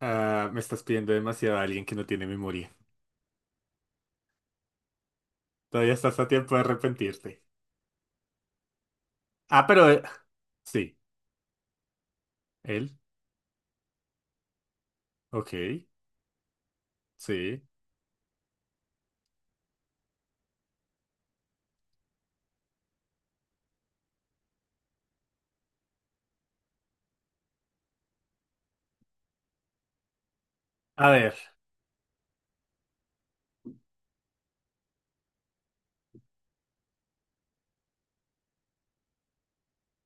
Ah, me estás pidiendo demasiado a alguien que no tiene memoria. Todavía estás a tiempo de arrepentirte. Ah, pero... sí, él. Ok, sí. A ver,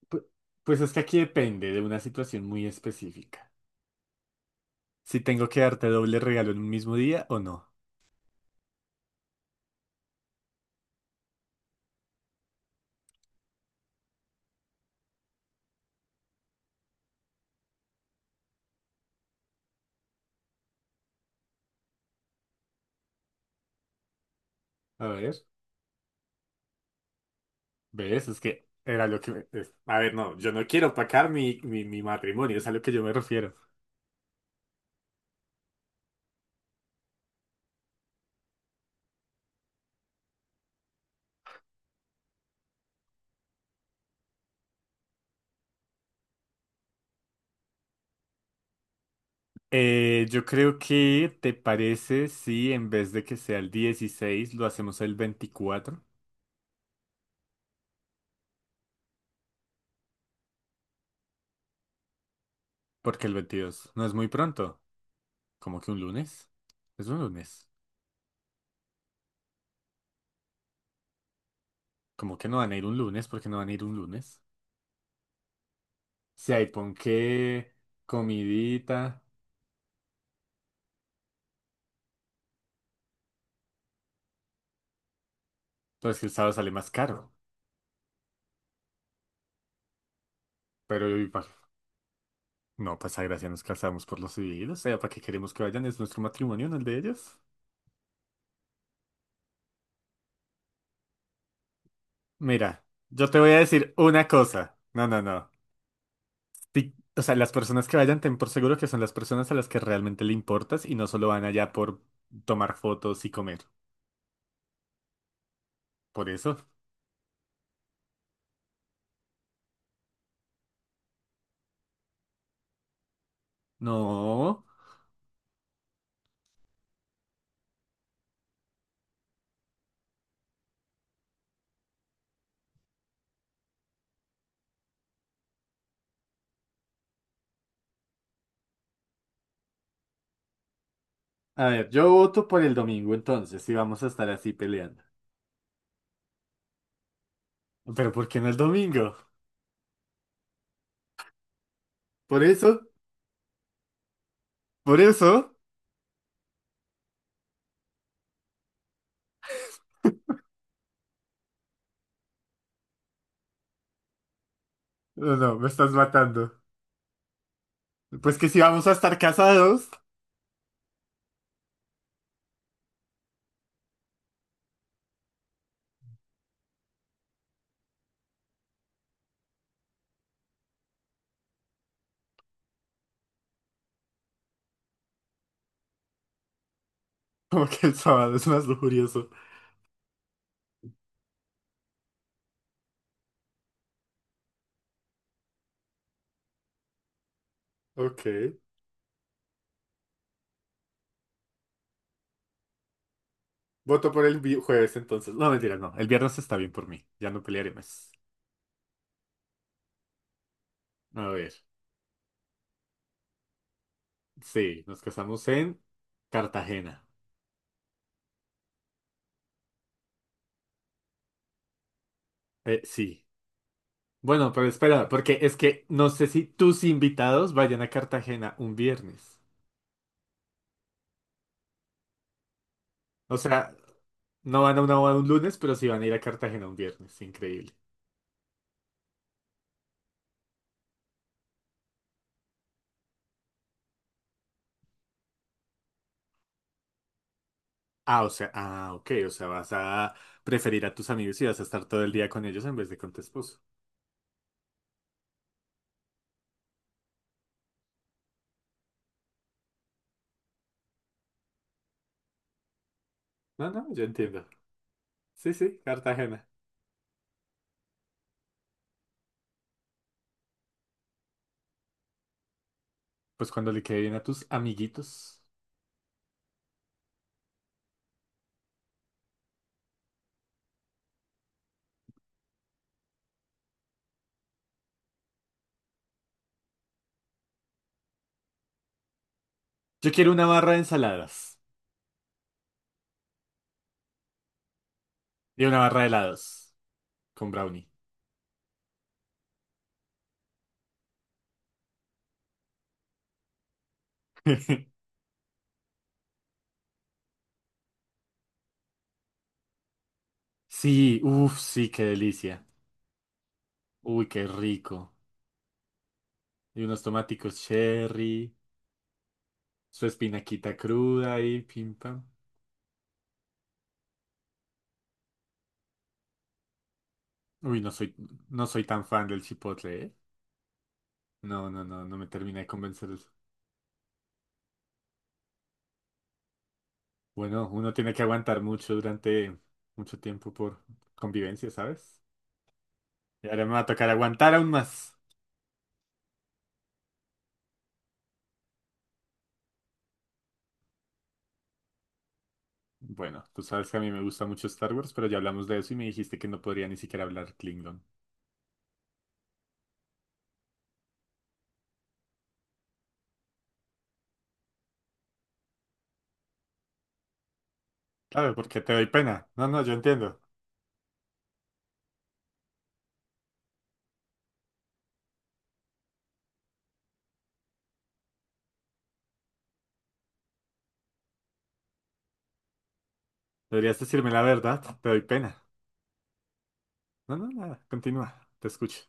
pu- pues es que aquí depende de una situación muy específica. Si tengo que darte doble regalo en un mismo día o no. A ver, ¿ves? Es que era lo que... A ver, no, yo no quiero opacar mi matrimonio, es a lo que yo me refiero. Yo creo que te parece si en vez de que sea el 16 lo hacemos el 24. ¿Porque el 22 no es muy pronto? Como que un lunes? Es un lunes. Como que no van a ir un lunes? Porque no van a ir un lunes? Si hay ponqué, comidita, pues que el sábado sale más caro. Pero y pa- no pasa gracia, nos casamos por los civiles. O sea, ¿para qué queremos que vayan? ¿Es nuestro matrimonio, no el de ellos? Mira, yo te voy a decir una cosa. No, no, no. O sea, las personas que vayan, ten por seguro que son las personas a las que realmente le importas y no solo van allá por tomar fotos y comer. Por eso. No. A ver, yo voto por el domingo entonces, si vamos a estar así peleando. Pero ¿por qué no el domingo? Por eso, por eso. No, no, me estás matando. Pues que si vamos a estar casados, como que el sábado es más lujurioso. Ok. Voto por el jueves entonces. No, mentira, no. El viernes está bien por mí. Ya no pelearemos. A ver. Sí, nos casamos en Cartagena. Sí. Bueno, pero espera, porque es que no sé si tus invitados vayan a Cartagena un viernes. O sea, no van a una boda un lunes, pero sí van a ir a Cartagena un viernes. Increíble. Ah, o sea, ah, ok. O sea, vas a preferir a tus amigos y vas a estar todo el día con ellos en vez de con tu esposo. No, no, yo entiendo. Sí, sí, Cartagena. Pues cuando le quede bien a tus amiguitos. Yo quiero una barra de ensaladas y una barra de helados con brownie. Sí, uff, sí, qué delicia. Uy, qué rico. Y unos tomáticos cherry, su espinaquita cruda y pim pam. Uy, no soy tan fan del chipotle, ¿eh? No, no, no, no me termina de convencer eso. Bueno, uno tiene que aguantar mucho durante mucho tiempo por convivencia, ¿sabes? Y ahora me va a tocar aguantar aún más. Bueno, tú sabes que a mí me gusta mucho Star Wars, pero ya hablamos de eso y me dijiste que no podría ni siquiera hablar klingon. Claro, porque te doy pena. No, no, yo entiendo. Deberías decirme la verdad, te doy pena. No, no, nada, continúa, te escucho.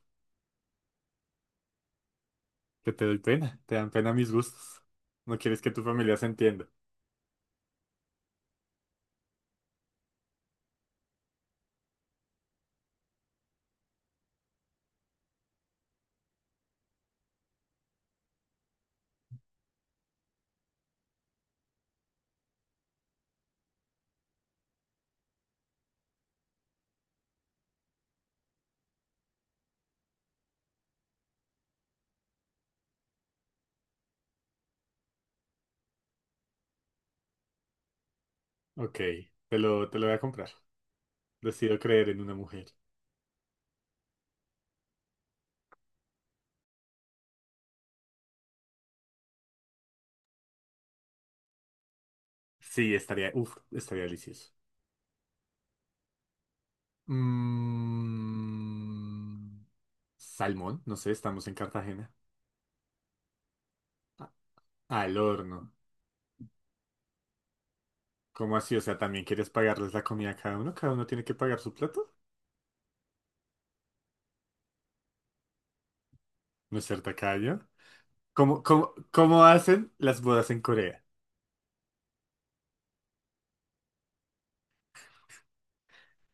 Que te doy pena, te dan pena mis gustos. No quieres que tu familia se entienda. Ok, te lo voy a comprar. Decido creer en una mujer. Sí, estaría, uf, estaría delicioso. Mm, salmón, no sé, estamos en Cartagena. A- Al horno. ¿Cómo así? O sea, ¿también quieres pagarles la comida a cada uno? ¿Cada uno tiene que pagar su plato? ¿No es ser tacaño? Cómo hacen las bodas en Corea?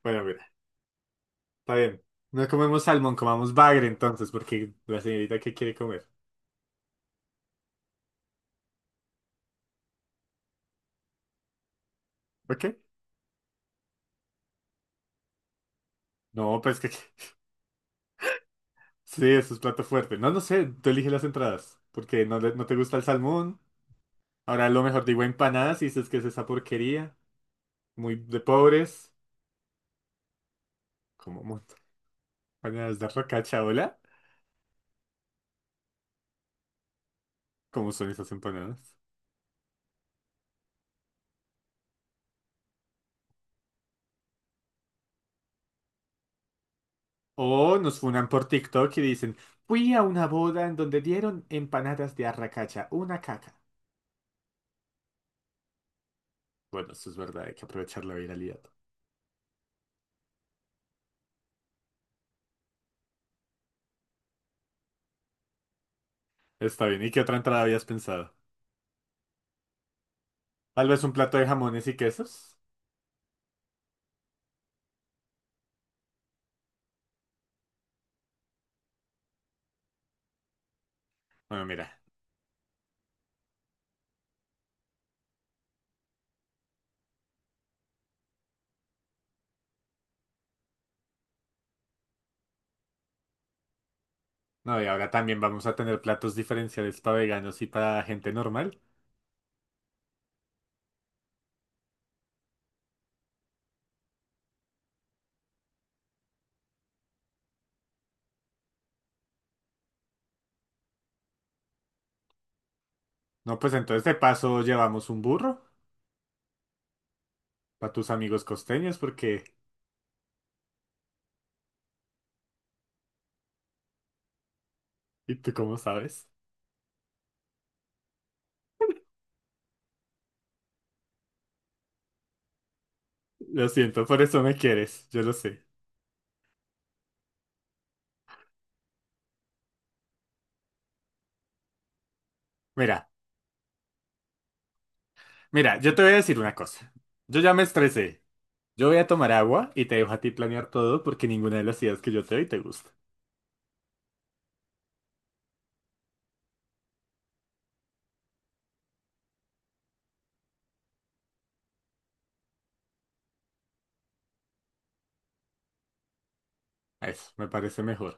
Bueno, mira, está bien. No comemos salmón, comamos bagre entonces, porque la señorita que quiere comer. ¿Ok? No, pues que... Sí, eso es plato fuerte. No, no sé, tú eliges las entradas, porque no, no te gusta el salmón. Ahora lo mejor digo empanadas y dices que es esa porquería. Muy de pobres. Como mu- Empanadas de racacha, hola. ¿Cómo son esas empanadas? O nos funan por TikTok y dicen, fui a una boda en donde dieron empanadas de arracacha, una caca. Bueno, eso es verdad, hay que aprovechar la viralidad. Está bien, ¿y qué otra entrada habías pensado? Tal vez un plato de jamones y quesos. Bueno, mira. No, y ahora también vamos a tener platos diferenciales para veganos y para gente normal. No, pues entonces de paso llevamos un burro. Para tus amigos costeños, porque... ¿Y tú cómo sabes? Lo siento, por eso me quieres, yo lo sé. Mira, mira, yo te voy a decir una cosa. Yo ya me estresé. Yo voy a tomar agua y te dejo a ti planear todo porque ninguna de las ideas que yo te doy te gusta. Eso, me parece mejor.